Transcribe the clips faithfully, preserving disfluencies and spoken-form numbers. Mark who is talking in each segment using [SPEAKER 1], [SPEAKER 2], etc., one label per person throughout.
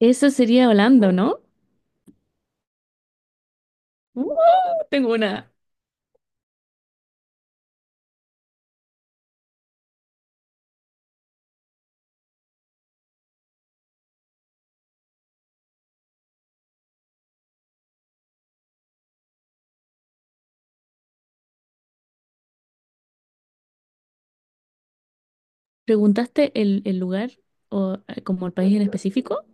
[SPEAKER 1] Eso sería Holanda, ¿no? ¡Wow! Tengo una. ¿Preguntaste el, el lugar o eh, como el país en específico?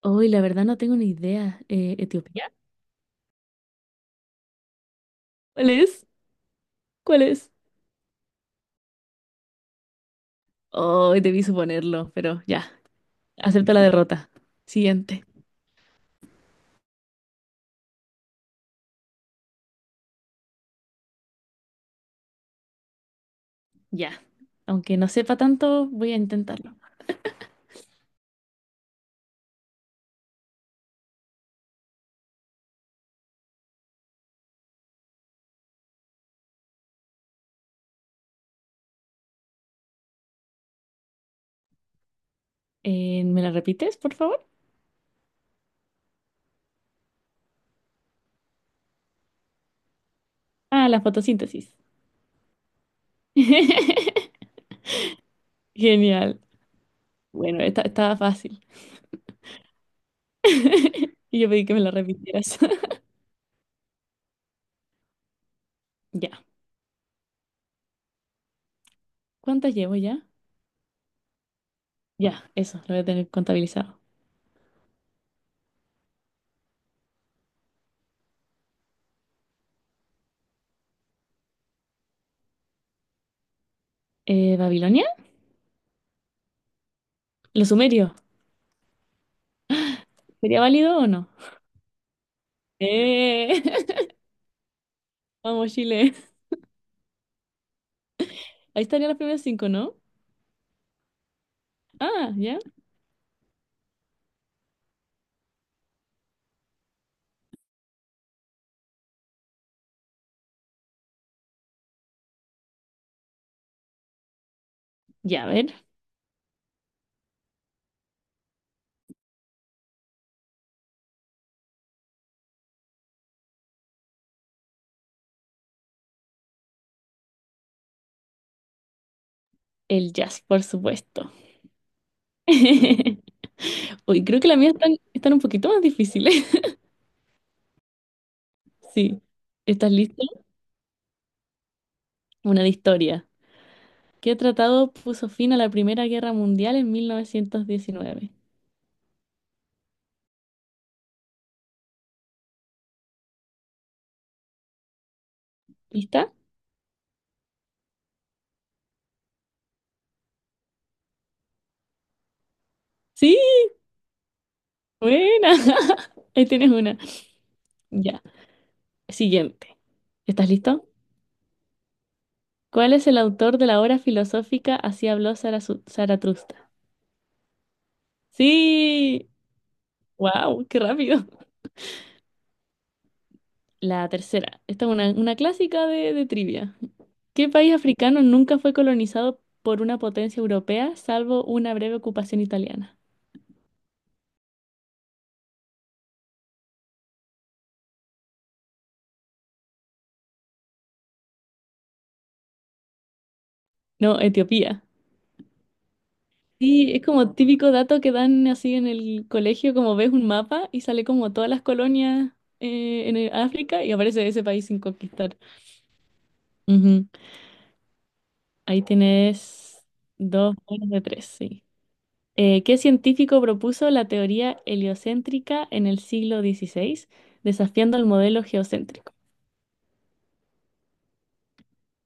[SPEAKER 1] Hoy, la verdad no tengo ni idea. Eh, ¿Etiopía? ¿Cuál es? ¿Cuál es? Hoy debí suponerlo, pero ya, acepto la derrota. Siguiente. Ya. Aunque no sepa tanto, voy a intentarlo. Eh, ¿me la repites, por favor? Ah, la fotosíntesis. Genial. Bueno, esta estaba fácil. Y yo pedí que me la repitieras. Ya. ¿Cuántas llevo ya? Ya, eso, lo voy a tener contabilizado. Eh, ¿Babilonia? ¿Los sumerios? ¿Sería válido o no? Eh, vamos, Chile. Ahí estarían los primeros cinco, ¿no? Ah, ya. Ya, a ver. El jazz, por supuesto. Uy, creo que las mías están, están un poquito más difíciles. Sí. ¿Estás listo? Una de historia. ¿Qué tratado puso fin a la Primera Guerra Mundial en mil novecientos diecinueve? ¿Lista? Sí, buena. Ahí tienes una. Ya, siguiente. ¿Estás listo? ¿Cuál es el autor de la obra filosófica Así habló Zarazu- Zaratustra? Sí, wow, qué rápido. La tercera, esta es una, una clásica de, de trivia. ¿Qué país africano nunca fue colonizado por una potencia europea, salvo una breve ocupación italiana? No, Etiopía. Sí, es como típico dato que dan así en el colegio, como ves un mapa y sale como todas las colonias eh, en el- África y aparece ese país sin conquistar. Ujú. Ahí tienes dos buenas de tres, sí. Eh, ¿qué científico propuso la teoría heliocéntrica en el siglo dieciséis, desafiando el modelo geocéntrico?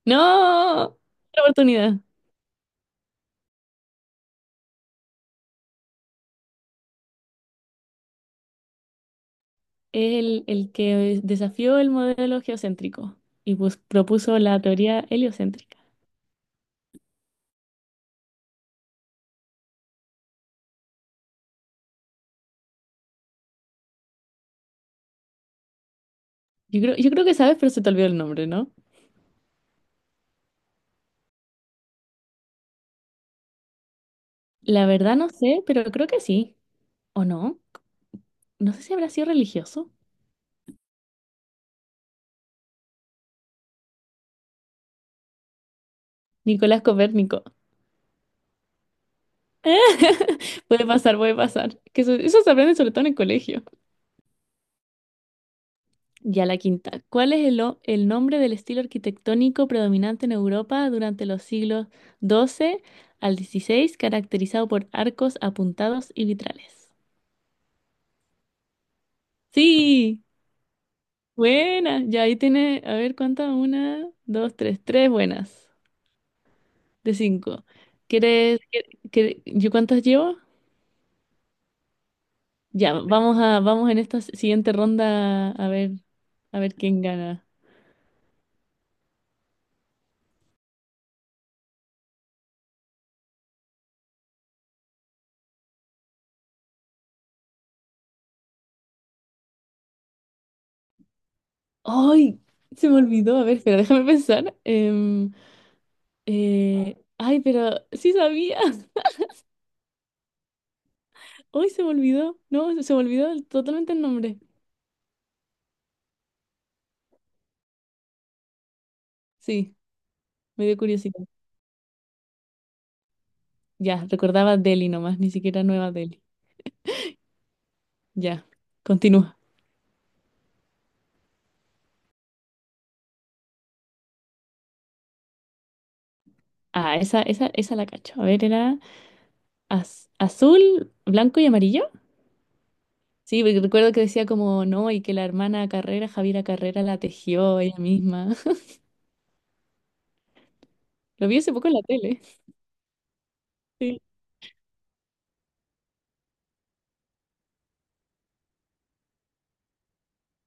[SPEAKER 1] ¡No! Otra oportunidad. Es el, el que desafió el modelo geocéntrico y, pues, propuso la teoría heliocéntrica. Yo creo, yo creo que sabes, pero se te olvidó el nombre, ¿no? La verdad no sé, pero creo que sí. ¿O no? No sé si habrá sido religioso. Nicolás Copérnico. Puede pasar, puede pasar. Que eso, eso se aprende sobre todo en el colegio. Ya la quinta. ¿Cuál es el, o- el nombre del estilo arquitectónico predominante en Europa durante los siglos doce al dieciséis, caracterizado por arcos apuntados y vitrales? Sí, buena. Ya ahí tiene, a ver cuántas, una, dos, tres, tres, buenas de cinco. ¿Quieres, que, que- yo cuántas llevo? Ya, vamos a, vamos en esta siguiente ronda a ver, a ver quién gana. ¡Ay! Se me olvidó. A ver, espera, déjame pensar. Em, Eh, ay, pero sí sabía. Hoy se me olvidó. No, se me olvidó el- totalmente el nombre. Sí, me dio curiosidad. Ya, recordaba Delhi nomás, ni siquiera Nueva Delhi. Ya, continúa. Ah, esa, esa, esa la cacho. A ver, era az- azul, blanco y amarillo. Sí, porque recuerdo que decía como no, y que la hermana Carrera, Javiera Carrera, la tejió ella misma. Lo vi hace poco en la tele. Sí.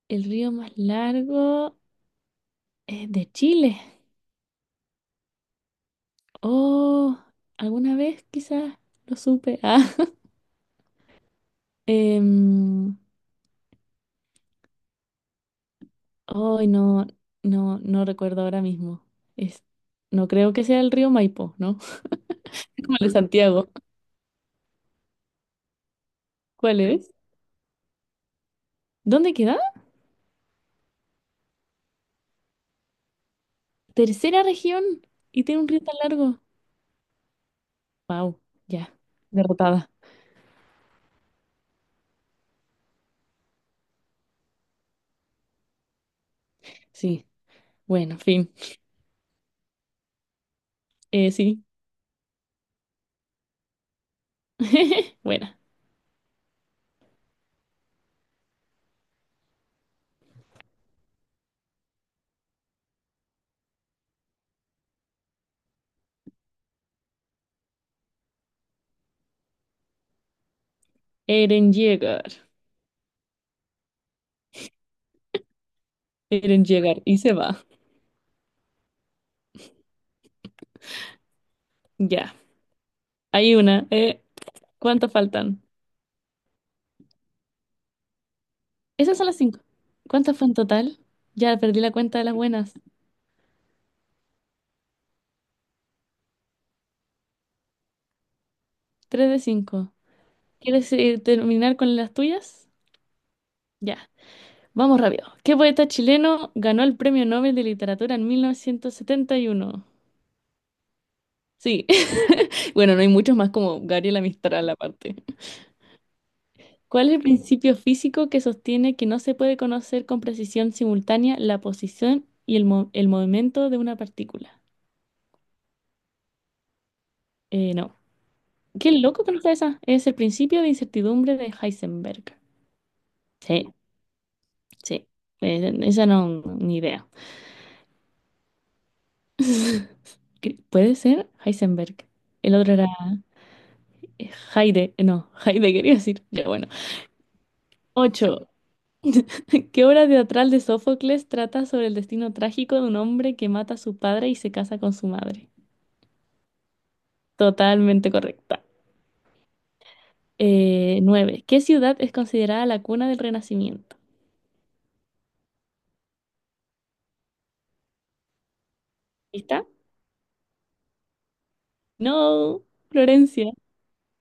[SPEAKER 1] El río más largo es de Chile. Oh, alguna vez quizás lo supe. Ah, em, ay, no, no, no recuerdo ahora mismo. Es, no creo que sea el río Maipo, ¿no? Como el de Santiago. ¿Cuál es? ¿Dónde queda? Tercera región. Y tiene un río tan largo. Wow, ya. Derrotada. Sí. Bueno, fin. Eh, sí. Buena. Eren llegar. Eren llegar. Y se va. Ya. Hay una. Eh, ¿cuántas faltan? Esas son las cinco. ¿Cuántas fue en total? Ya perdí la cuenta de las buenas. Tres de cinco. ¿Quieres eh, terminar con las tuyas? Ya. Vamos rápido. ¿Qué poeta chileno ganó el Premio Nobel de Literatura en mil novecientos setenta y uno? Sí. Bueno, no hay muchos más como Gabriela Mistral aparte. ¿Cuál es el principio físico que sostiene que no se puede conocer con precisión simultánea la posición y el, mo- el movimiento de una partícula? Eh, no. Qué loco que no sea esa. Es el principio de incertidumbre de Heisenberg. Sí, sí. Eh, esa no, ni idea. ¿Qué- ¿Puede ser Heisenberg? El otro era Heide, eh, no, Heide quería decir. Ya, bueno. Ocho. ¿Qué obra teatral de Sófocles trata sobre el destino trágico de un hombre que mata a su padre y se casa con su madre? Totalmente correcta. Eh, nueve. ¿Qué ciudad es considerada la cuna del Renacimiento? ¿Lista? No, Florencia.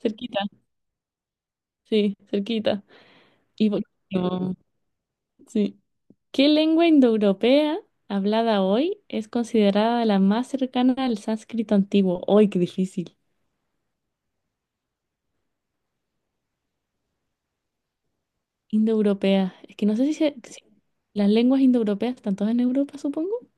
[SPEAKER 1] Cerquita. Sí, cerquita. Y por último, sí. ¿Qué lengua indoeuropea hablada hoy es considerada la más cercana al sánscrito antiguo? ¡Ay, qué difícil! Indoeuropea. Es que no sé si, se- si las lenguas indoeuropeas están todas en Europa, supongo.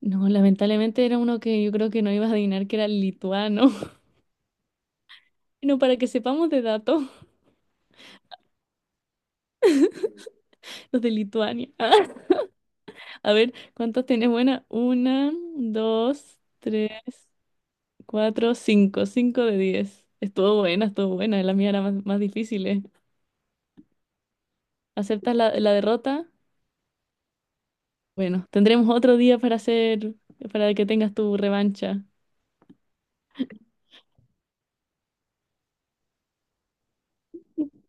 [SPEAKER 1] No, lamentablemente era uno que yo creo que no ibas a adivinar, que era el lituano. Bueno, para que sepamos de datos, los de Lituania. A ver, ¿cuántos tienes? Buena, una, dos, tres, cuatro, cinco. Cinco de diez. Estuvo buena, estuvo buena. La mía era más, más difícil, ¿eh? ¿Aceptas la, la derrota? Bueno, tendremos otro día para hacer, para que tengas tu revancha.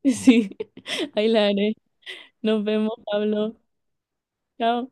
[SPEAKER 1] Sí, ahí la haré. Nos vemos, Pablo. Chao.